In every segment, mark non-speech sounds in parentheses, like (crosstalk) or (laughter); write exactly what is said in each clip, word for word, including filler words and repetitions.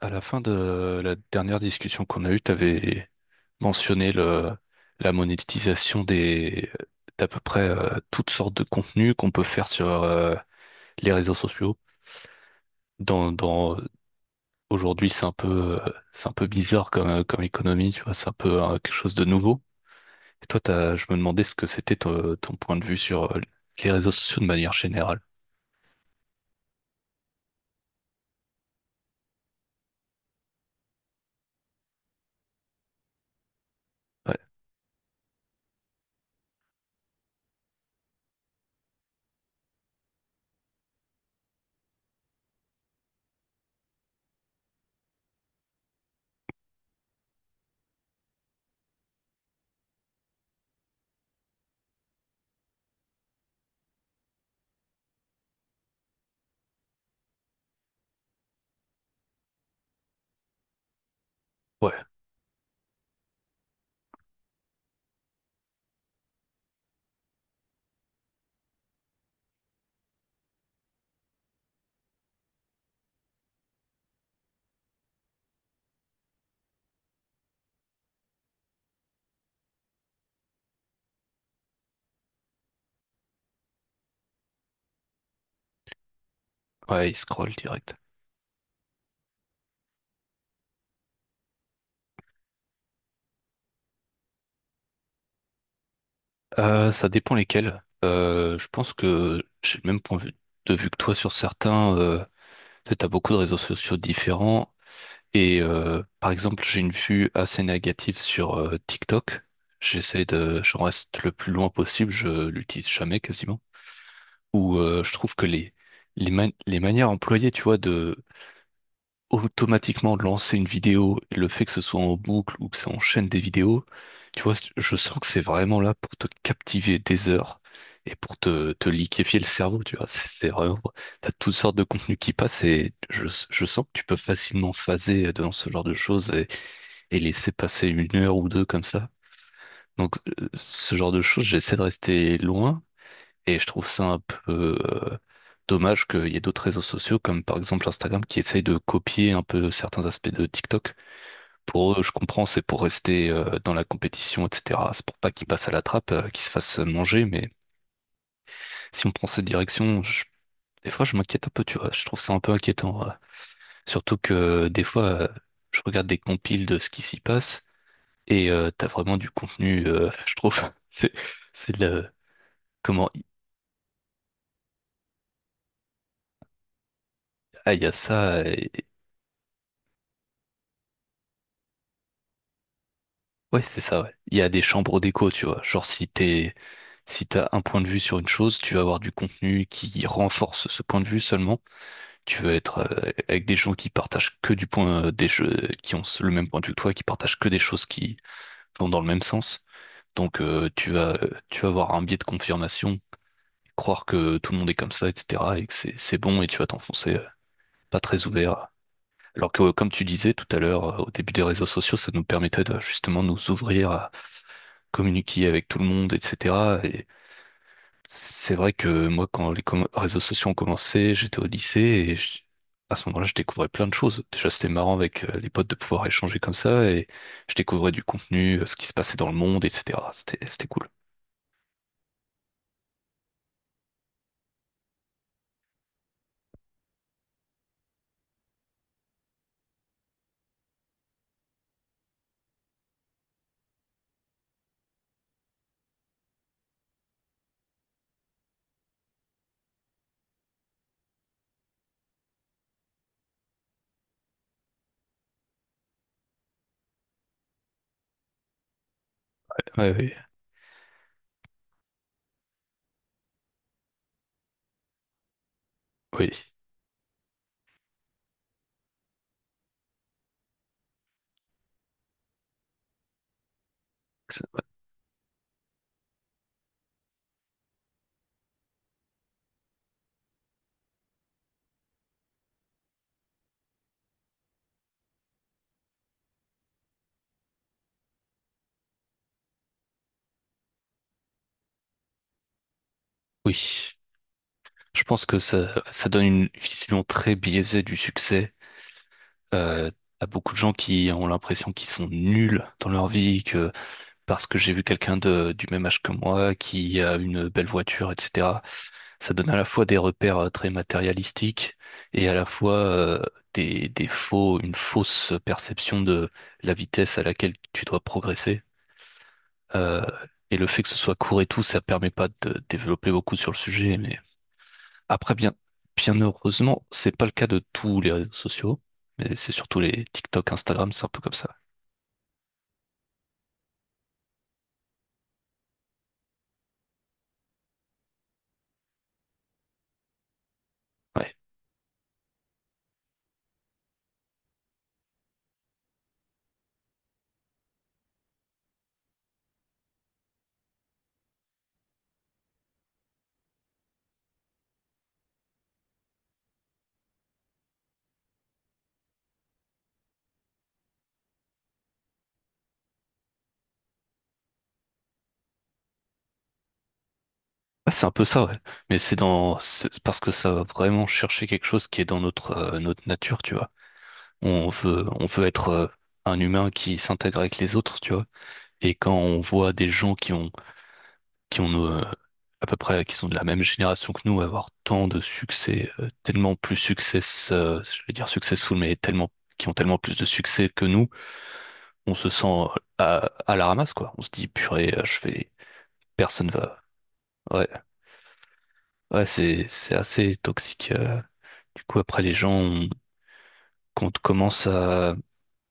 À la fin de la dernière discussion qu'on a eue, tu avais mentionné le, la monétisation des, d'à peu près euh, toutes sortes de contenus qu'on peut faire sur euh, les réseaux sociaux. Dans, dans, aujourd'hui, c'est un peu, euh, c'est un peu bizarre comme, euh, comme économie, tu vois, c'est un peu euh, quelque chose de nouveau. Et toi, t'as, je me demandais ce que c'était ton, ton point de vue sur euh, les réseaux sociaux de manière générale. Ouais, ouais, ouais, ils scrollent direct. Euh, ça dépend lesquels. Euh, je pense que j'ai le même point de vue de vue que toi sur certains. Euh, tu as beaucoup de réseaux sociaux différents. Et euh, par exemple, j'ai une vue assez négative sur euh, TikTok. J'essaie de, j'en reste le plus loin possible. Je l'utilise jamais quasiment. Où euh, je trouve que les les, ma- les manières employées, tu vois, de automatiquement lancer une vidéo, et le fait que ce soit en boucle ou que ça enchaîne des vidéos, tu vois, je sens que c'est vraiment là pour te captiver des heures et pour te, te liquéfier le cerveau, tu vois. C'est c'est vraiment, t'as toutes sortes de contenus qui passent et je, je sens que tu peux facilement phaser dans ce genre de choses et, et laisser passer une heure ou deux comme ça. Donc, euh, ce genre de choses, j'essaie de rester loin. Et je trouve ça un peu euh, dommage qu'il y ait d'autres réseaux sociaux, comme par exemple Instagram, qui essayent de copier un peu certains aspects de TikTok. Pour eux, je comprends, c'est pour rester euh, dans la compétition, et cetera. C'est pour pas qu'ils passent à la trappe, euh, qu'ils se fassent manger. Mais si on prend cette direction, je- des fois, je m'inquiète un peu, tu vois. Je trouve ça un peu inquiétant. Ouais. Surtout que euh, des fois, euh, je regarde des compiles de ce qui s'y passe et euh, t'as vraiment du contenu, euh, je trouve. (laughs) C'est, c'est le... Comment... Ah, il y a ça. Ouais, c'est ça, ouais. Il y a des chambres d'écho, tu vois. Genre, si t'es, si t'as un point de vue sur une chose, tu vas avoir du contenu qui renforce ce point de vue seulement. Tu vas être euh, avec des gens qui partagent que du point, euh, des jeux, qui ont le même point de vue que toi, qui partagent que des choses qui vont dans le même sens. Donc, euh, tu vas, euh, tu vas avoir un biais de confirmation, croire que tout le monde est comme ça, et cetera, et que c'est, c'est bon, et tu vas t'enfoncer euh, pas très ouvert. Alors que, euh, comme tu disais tout à l'heure, euh, au début des réseaux sociaux, ça nous permettait de justement nous ouvrir communiquer avec tout le monde, et cetera. Et c'est vrai que moi, quand les com- réseaux sociaux ont commencé, j'étais au lycée et je- à ce moment-là, je découvrais plein de choses. Déjà, c'était marrant avec euh, les potes de pouvoir échanger comme ça et je découvrais du contenu, euh, ce qui se passait dans le monde, et cetera. C'était, c'était cool. Ouais, oui, oui, Ça- oui. Je pense que ça, ça donne une vision très biaisée du succès. Euh, t'as beaucoup de gens qui ont l'impression qu'ils sont nuls dans leur vie, que parce que j'ai vu quelqu'un de, du même âge que moi qui a une belle voiture, et cetera. Ça donne à la fois des repères euh, très matérialistiques et à la fois euh, des, des faux, une fausse perception de la vitesse à laquelle tu dois progresser. Euh, et le fait que ce soit court et tout, ça permet pas de développer beaucoup sur le sujet. Mais après, bien, bien heureusement, c'est pas le cas de tous les réseaux sociaux. Mais c'est surtout les TikTok, Instagram, c'est un peu comme ça. Ouais. Ah, c'est un peu ça, ouais. Mais c'est dans, c'est c'est parce que ça va vraiment chercher quelque chose qui est dans notre, euh, notre nature, tu vois. On veut, on veut être euh, un humain qui s'intègre avec les autres, tu vois. Et quand on voit des gens qui ont, qui ont euh, à peu près, qui sont de la même génération que nous, avoir tant de succès, euh, tellement plus succès, euh, je vais dire successful, mais tellement, qui ont tellement plus de succès que nous, on se sent euh, à, à la ramasse, quoi. On se dit, purée, euh, je fais, personne va. Ouais, ouais, c'est, c'est assez toxique. euh, Du coup, après, les gens, ont- quand commencent à,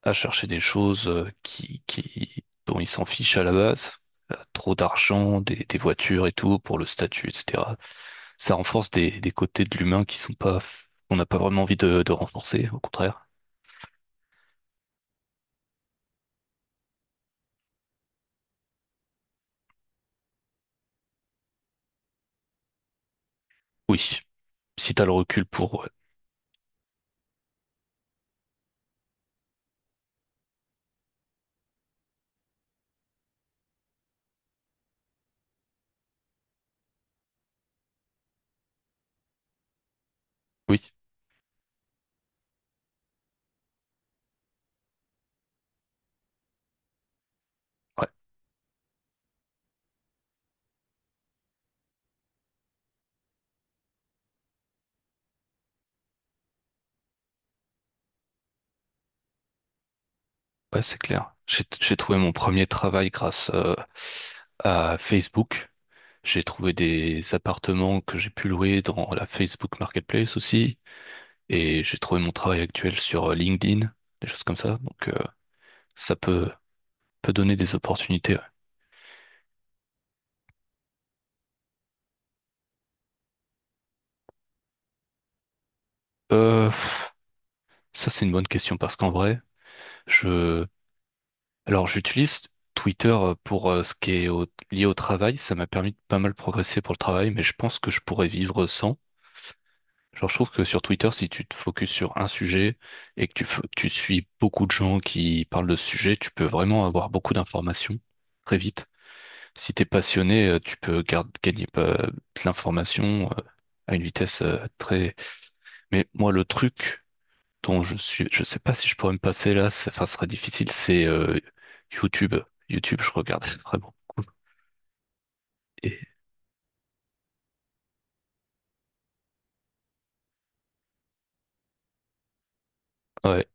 à chercher des choses euh, qui, qui, dont ils s'en fichent à la base, euh, trop d'argent, des, des voitures et tout, pour le statut, et cetera. Ça renforce des, des côtés de l'humain qui sont pas, on n'a pas vraiment envie de, de renforcer, au contraire. Oui, si t'as le recul pour, ouais. Oui, ouais, ouais, c'est clair. J'ai, j'ai trouvé mon premier travail grâce, euh, à Facebook. J'ai trouvé des appartements que j'ai pu louer dans la Facebook Marketplace aussi. Et j'ai trouvé mon travail actuel sur euh, LinkedIn, des choses comme ça. Donc, euh, ça peut, peut donner des opportunités. Ouais. Euh, ça, c'est une bonne question parce qu'en vrai, je, alors, j'utilise Twitter euh, pour euh, ce qui est au- lié au travail. Ça m'a permis de pas mal progresser pour le travail, mais je pense que je pourrais vivre sans. Genre, je trouve que sur Twitter, si tu te focuses sur un sujet et que tu, fo- tu suis beaucoup de gens qui parlent de ce sujet, tu peux vraiment avoir beaucoup d'informations très vite. Si t'es passionné, euh, tu peux gar- gagner pas- euh, de l'information euh, à une vitesse euh, très. Mais moi, le truc dont je suis, je sais pas si je pourrais me passer là, ça, enfin, ce serait difficile. C'est euh, YouTube. YouTube, je regarde (laughs) vraiment beaucoup. Et ouais,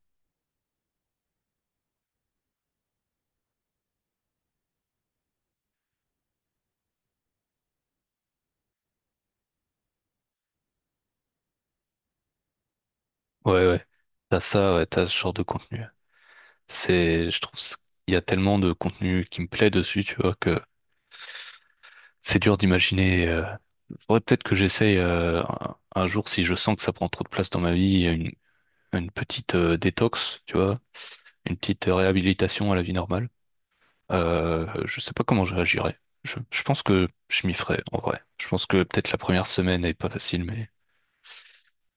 ouais, ouais. T'as ça, ouais, t'as ce genre de contenu. C'est, je trouve, c- il y a tellement de contenu qui me plaît dessus, tu vois, que c'est dur d'imaginer. Euh... Faudrait peut-être que j'essaye euh, un un jour si je sens que ça prend trop de place dans ma vie, une, une petite euh, détox, tu vois une petite réhabilitation à la vie normale. Euh, je sais pas comment je réagirais. Je, je pense que je m'y ferais, en vrai. Je pense que peut-être la première semaine est pas facile, mais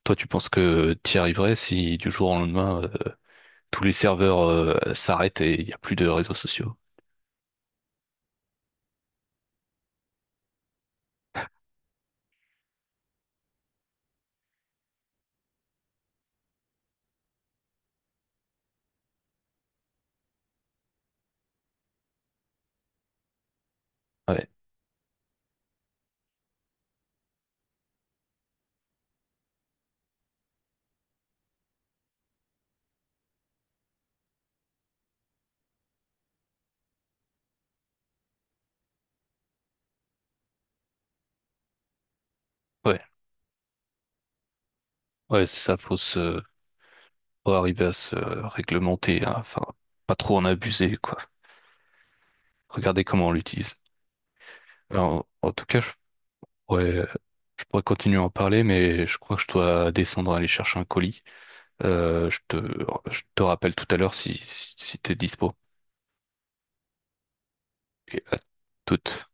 toi, tu penses que t'y arriverais si du jour au lendemain, euh, tous les serveurs, euh, s'arrêtent et il n'y a plus de réseaux sociaux? Ouais, ouais, ouais, c'est ça, faut se, faut arriver à se réglementer, hein. Enfin, pas trop en abuser, quoi. Regardez comment on l'utilise. Alors, en, en tout cas, je pourrais, je pourrais continuer à en parler, mais je crois que je dois descendre aller chercher un colis. Euh, je te, je te rappelle tout à l'heure si, si, si t'es dispo. Et à toute.